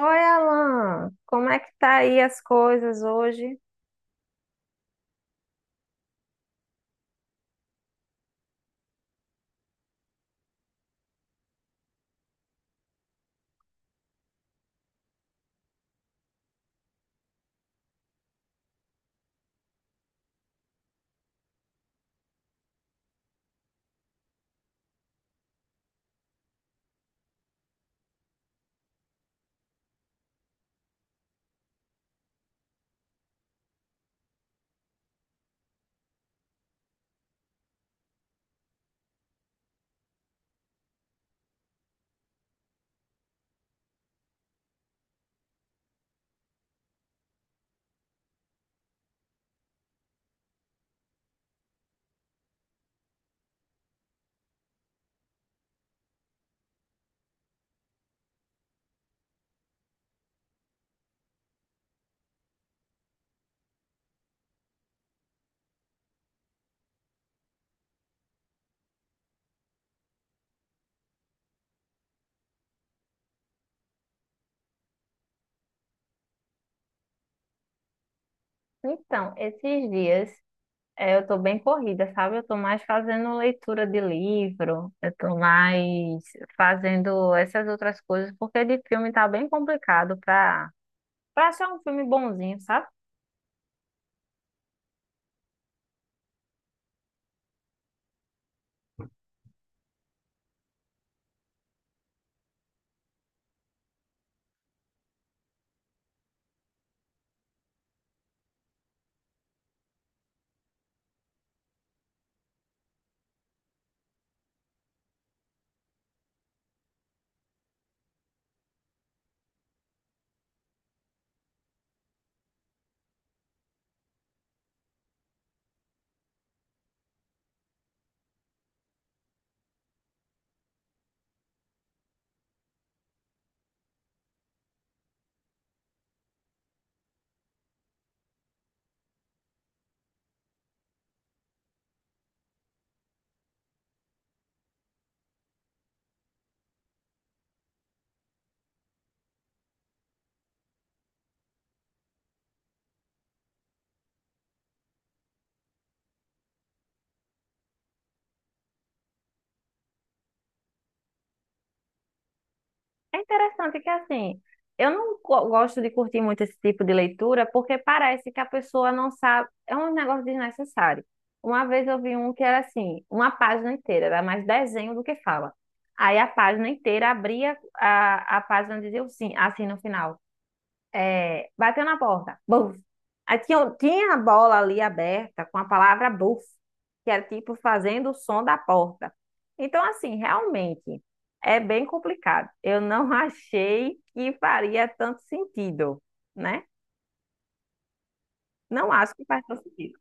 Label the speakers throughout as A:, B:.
A: Oi, Alan, como é que tá aí as coisas hoje? Então, esses dias eu tô bem corrida, sabe? Eu tô mais fazendo leitura de livro, eu tô mais fazendo essas outras coisas, porque de filme tá bem complicado pra achar um filme bonzinho, sabe? É interessante que, assim, eu não gosto de curtir muito esse tipo de leitura porque parece que a pessoa não sabe. É um negócio desnecessário. Uma vez eu vi um que era assim, uma página inteira, era mais desenho do que fala. Aí a página inteira abria a página e dizia assim, assim no final. É, bateu na porta. Buf. Aí tinha a bola ali aberta com a palavra buf, que era tipo fazendo o som da porta. Então, assim, realmente é bem complicado. Eu não achei que faria tanto sentido, né? Não acho que faz tanto sentido.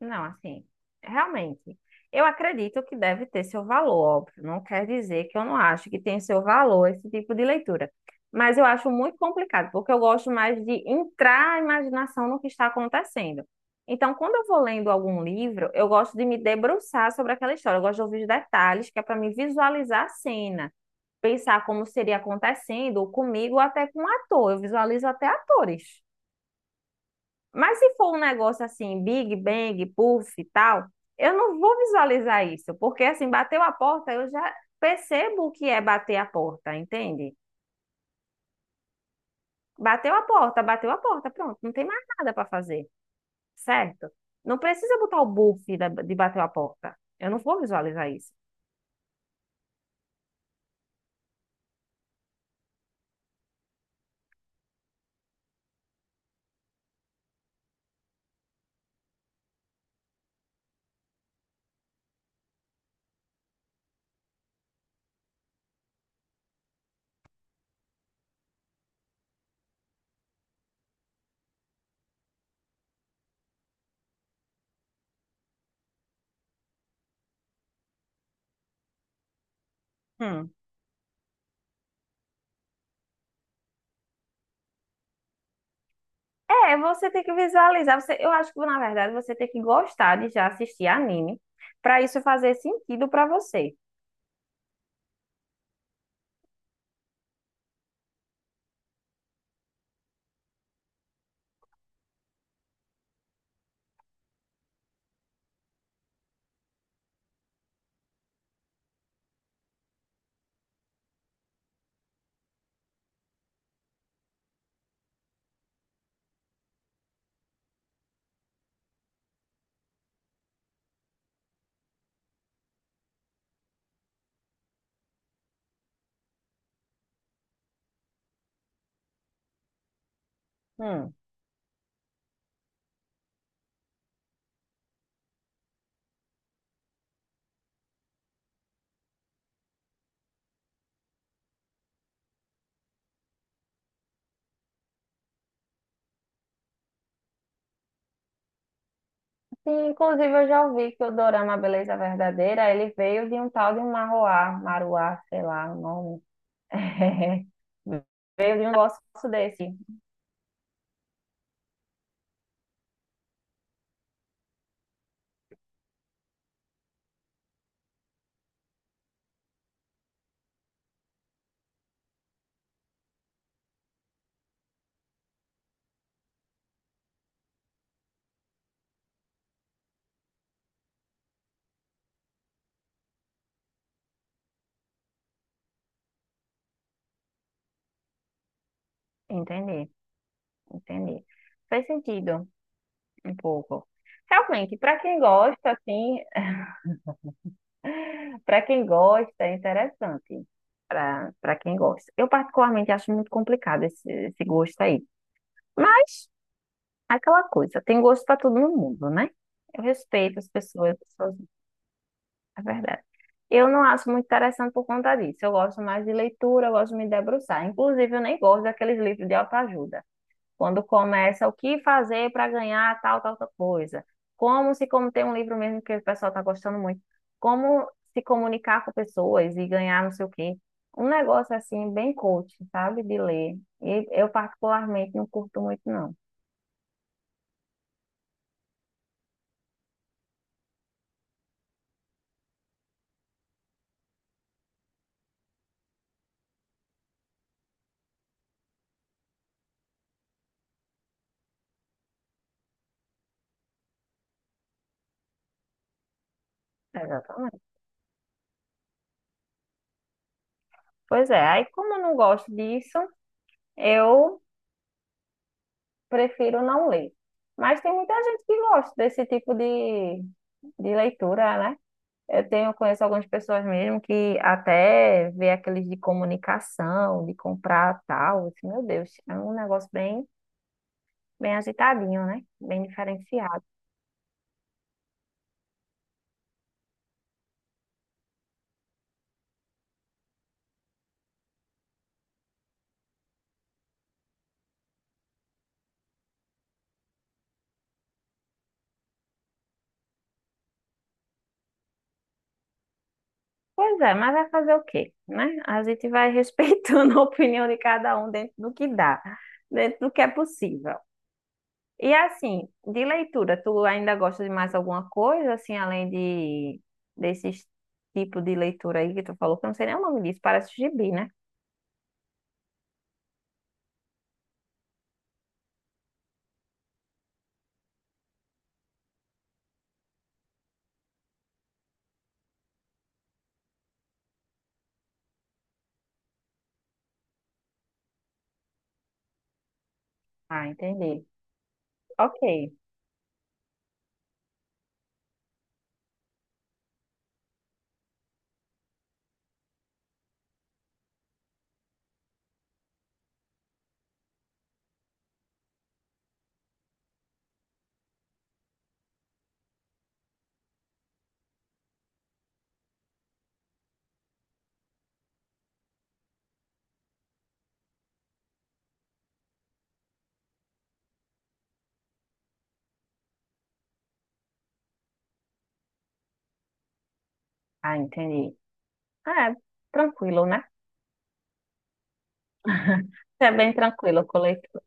A: Não, assim, realmente, eu acredito que deve ter seu valor, óbvio. Não quer dizer que eu não acho que tem seu valor esse tipo de leitura. Mas eu acho muito complicado, porque eu gosto mais de entrar a imaginação no que está acontecendo. Então, quando eu vou lendo algum livro, eu gosto de me debruçar sobre aquela história. Eu gosto de ouvir os detalhes, que é para me visualizar a cena, pensar como seria acontecendo, ou comigo, ou até com um ator. Eu visualizo até atores. Mas se for um negócio assim, Big Bang, Puff e tal, eu não vou visualizar isso, porque assim, bateu a porta, eu já percebo o que é bater a porta, entende? Bateu a porta, pronto, não tem mais nada para fazer, certo? Não precisa botar o de bater a porta. Eu não vou visualizar isso. Hum. É, você tem que visualizar. Você, eu acho que, na verdade, você tem que gostar de já assistir anime para isso fazer sentido para você. Hum. Sim, inclusive eu já ouvi que o dorama Beleza Verdadeira, ele veio de um tal de Marruá, Maruá, sei lá o nome. Veio de um negócio desse. Entendi, entendi. Faz sentido um pouco. Realmente, para quem gosta, assim, para quem gosta, é interessante. Para quem gosta. Eu particularmente acho muito complicado esse gosto aí. Mas é aquela coisa, tem gosto para todo mundo, né? Eu respeito as pessoas, as pessoas. É verdade. Eu não acho muito interessante por conta disso. Eu gosto mais de leitura, eu gosto de me debruçar. Inclusive, eu nem gosto daqueles livros de autoajuda. Quando começa o que fazer para ganhar tal, tal, tal coisa. Como se, como tem um livro mesmo que o pessoal está gostando muito, como se comunicar com pessoas e ganhar não sei o quê. Um negócio assim, bem coach, sabe? De ler. E eu, particularmente, não curto muito, não. Exatamente. Pois é, aí como eu não gosto disso, eu prefiro não ler. Mas tem muita gente que gosta desse tipo de leitura, né? Eu tenho, conheço algumas pessoas mesmo que até vê aqueles de comunicação, de comprar tal. Assim, meu Deus, é um negócio bem agitadinho, né? Bem diferenciado. Pois é, mas vai fazer o quê, né? A gente vai respeitando a opinião de cada um dentro do que dá, dentro do que é possível. E assim, de leitura, tu ainda gosta de mais alguma coisa, assim, além de desses tipo de leitura aí que tu falou, que eu não sei nem o nome disso, parece gibi, né? Ah, entendi. Ok. Ah, entendi. Ah, é tranquilo, né? É bem tranquilo com leitura.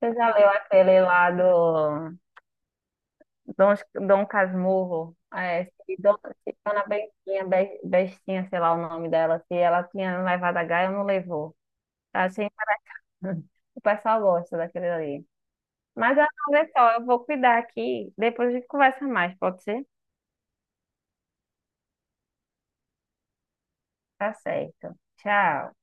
A: Você já leu aquele lá do Dom, Dom Casmurro? É, se Dona Bestinha, Bestinha, sei lá o nome dela, se ela tinha levado a Gaia ou não levou. Achei interessante. O pessoal gosta daquele ali. Mas ah, olha só, eu vou cuidar aqui. Depois a gente conversa mais, pode ser? Tá certo. Tchau.